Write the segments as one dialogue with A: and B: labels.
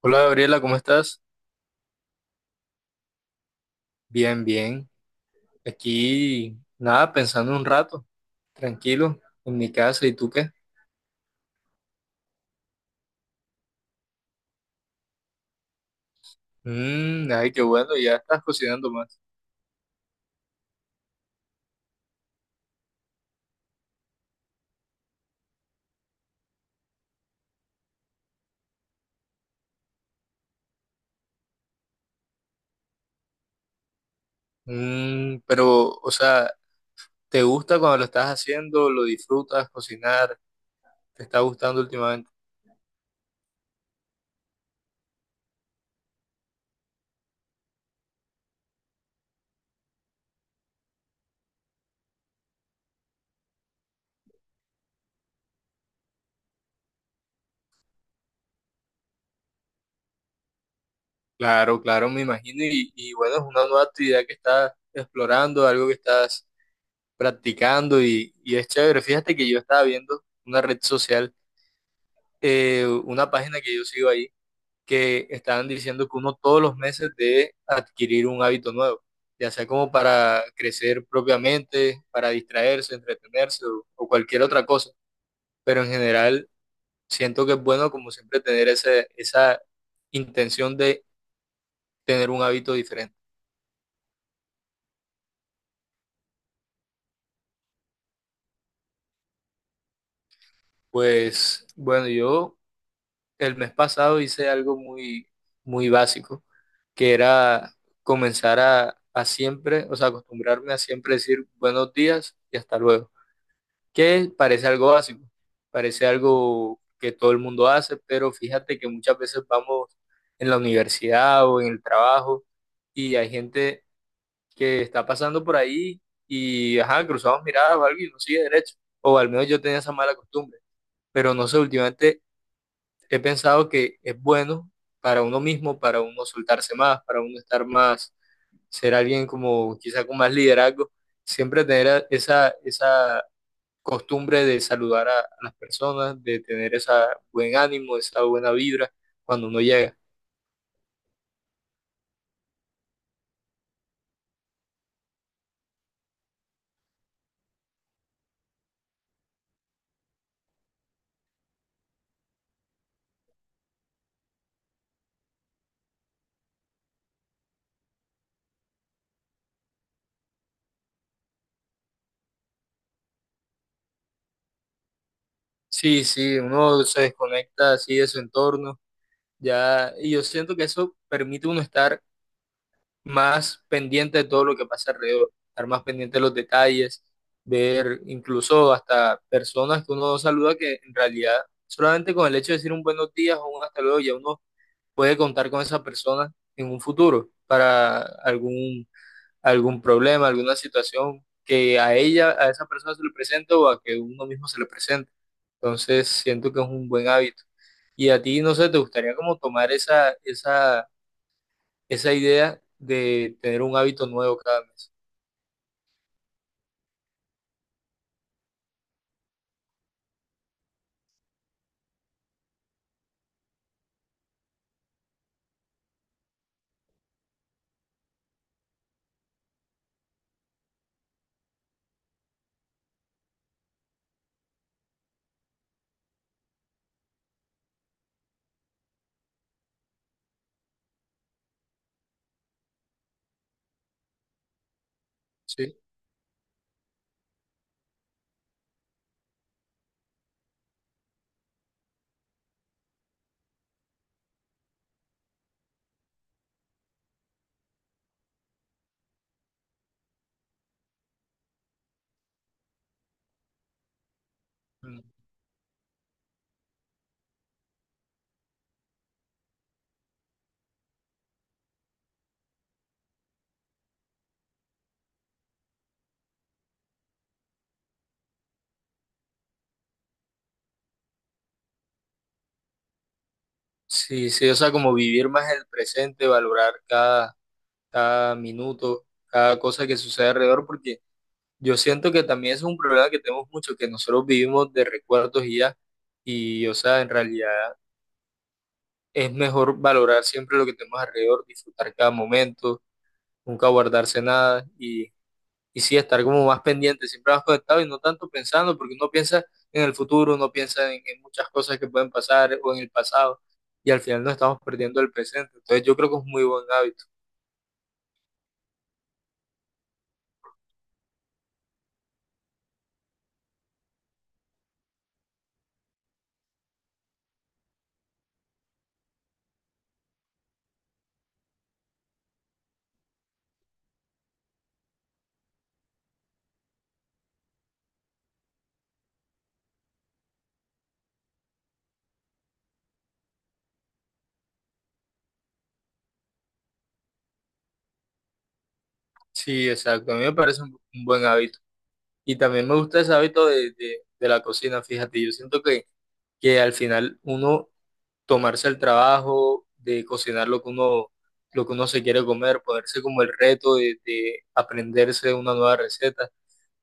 A: Hola Gabriela, ¿cómo estás? Bien, bien. Aquí, nada, pensando un rato, tranquilo, en mi casa. ¿Y tú qué? Mm, ay, qué bueno, ya estás cocinando más. Mm, pero, o sea, ¿te gusta cuando lo estás haciendo? ¿Lo disfrutas cocinar? ¿Te está gustando últimamente? Claro, claro, me imagino. Y bueno, es una nueva actividad que estás explorando, algo que estás practicando y es chévere. Fíjate que yo estaba viendo una red social, una página que yo sigo ahí que están diciendo que uno todos los meses debe adquirir un hábito nuevo, ya sea como para crecer propiamente, para distraerse, entretenerse o cualquier otra cosa. Pero en general siento que es bueno como siempre tener esa intención de tener un hábito diferente. Pues bueno, yo el mes pasado hice algo muy básico, que era comenzar a siempre, o sea, acostumbrarme a siempre decir buenos días y hasta luego, que parece algo básico, parece algo que todo el mundo hace, pero fíjate que muchas veces vamos en la universidad o en el trabajo y hay gente que está pasando por ahí y, ajá, cruzamos miradas o algo y no sigue derecho, o al menos yo tenía esa mala costumbre, pero no sé, últimamente he pensado que es bueno para uno mismo, para uno soltarse más, para uno estar más, ser alguien como quizá con más liderazgo, siempre tener esa costumbre de saludar a las personas, de tener esa buen ánimo, esa buena vibra cuando uno llega. Sí, sí, uno se desconecta así de su entorno, ya, y yo siento que eso permite uno estar más pendiente de todo lo que pasa alrededor, estar más pendiente de los detalles, ver incluso hasta personas que uno no saluda que en realidad solamente con el hecho de decir un buenos días o un hasta luego ya uno puede contar con esa persona en un futuro para algún problema, alguna situación que a ella, a esa persona se le presente o a que uno mismo se le presente. Entonces siento que es un buen hábito. Y a ti, no sé, ¿te gustaría como tomar esa idea de tener un hábito nuevo cada mes? Sí. Mm. Sí, sí, o sea, como vivir más el presente, valorar cada, cada minuto, cada cosa que sucede alrededor, porque yo siento que también es un problema que tenemos mucho, que nosotros vivimos de recuerdos y ya, y o sea, en realidad es mejor valorar siempre lo que tenemos alrededor, disfrutar cada momento, nunca guardarse nada y sí, estar como más pendiente, siempre más conectado y no tanto pensando, porque uno piensa en el futuro, uno piensa en muchas cosas que pueden pasar o en el pasado y al final nos estamos perdiendo el presente. Entonces yo creo que es un muy buen hábito. Sí, exacto, a mí me parece un buen hábito. Y también me gusta ese hábito de la cocina, fíjate, yo siento que al final uno tomarse el trabajo de cocinar lo que uno se quiere comer, ponerse como el reto de aprenderse una nueva receta,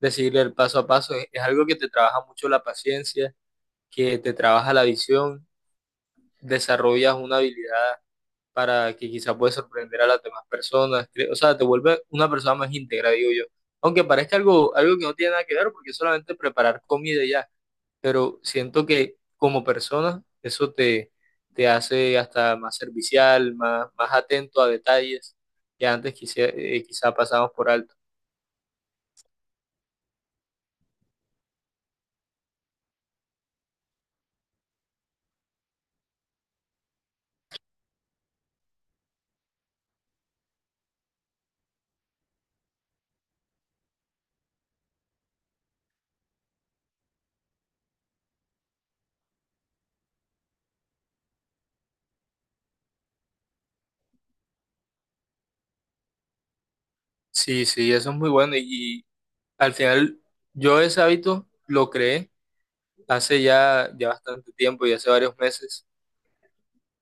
A: de seguir el paso a paso, es algo que te trabaja mucho la paciencia, que te trabaja la visión, desarrollas una habilidad para que quizá puedes sorprender a las demás personas, o sea, te vuelve una persona más íntegra, digo yo. Aunque parezca algo, algo que no tiene nada que ver, porque es solamente preparar comida y ya, pero siento que como persona eso te, te hace hasta más servicial, más, más atento a detalles que antes quizá, quizá pasamos por alto. Sí, sí, eso es muy bueno y al final yo ese hábito lo creé hace ya, ya bastante tiempo y hace varios meses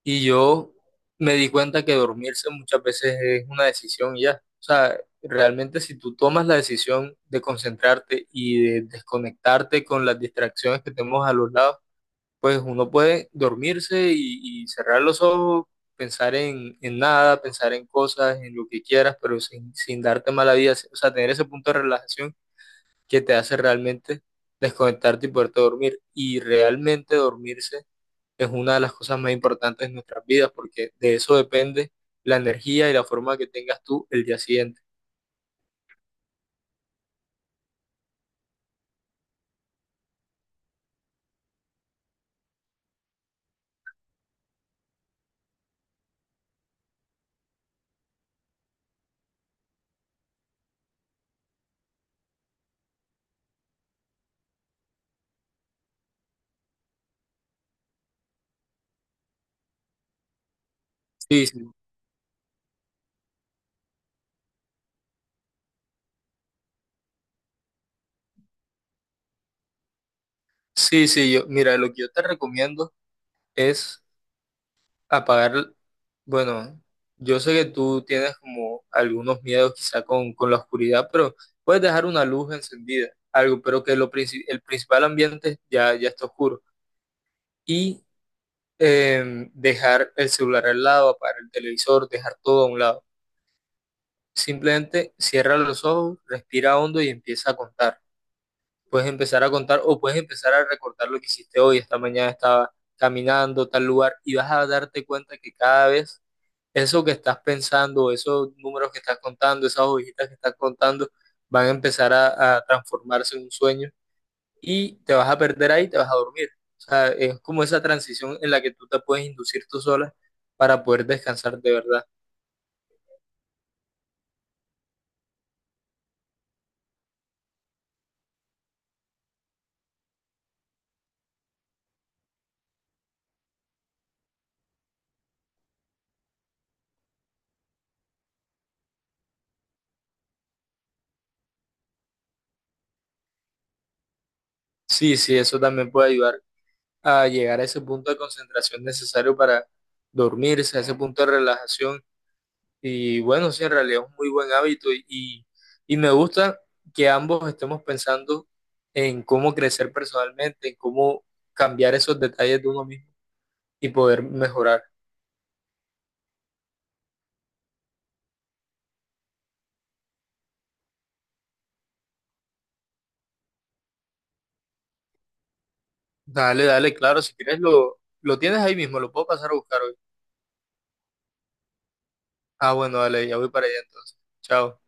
A: y yo me di cuenta que dormirse muchas veces es una decisión y ya. O sea, realmente si tú tomas la decisión de concentrarte y de desconectarte con las distracciones que tenemos a los lados, pues uno puede dormirse y cerrar los ojos, pensar en nada, pensar en cosas, en lo que quieras, pero sin darte mala vida, o sea, tener ese punto de relajación que te hace realmente desconectarte y poderte dormir. Y realmente dormirse es una de las cosas más importantes en nuestras vidas, porque de eso depende la energía y la forma que tengas tú el día siguiente. Sí, sí, sí, sí, yo, mira, lo que yo te recomiendo es apagar. Bueno, yo sé que tú tienes como algunos miedos quizá con la oscuridad, pero puedes dejar una luz encendida, algo, pero que lo el principal ambiente ya, ya está oscuro. Y dejar el celular al lado, apagar el televisor, dejar todo a un lado. Simplemente cierra los ojos, respira hondo y empieza a contar. Puedes empezar a contar o puedes empezar a recordar lo que hiciste hoy. Esta mañana estaba caminando tal lugar y vas a darte cuenta que cada vez eso que estás pensando, esos números que estás contando, esas hojitas que estás contando, van a empezar a transformarse en un sueño y te vas a perder ahí, te vas a dormir. O sea, es como esa transición en la que tú te puedes inducir tú sola para poder descansar de verdad. Sí, sí, eso también puede ayudar a llegar a ese punto de concentración necesario para dormirse, a ese punto de relajación. Y bueno, sí, en realidad es un muy buen hábito y me gusta que ambos estemos pensando en cómo crecer personalmente, en cómo cambiar esos detalles de uno mismo y poder mejorar. Dale, dale, claro, si quieres lo tienes ahí mismo, lo puedo pasar a buscar hoy. Ah, bueno, dale, ya voy para allá entonces. Chao.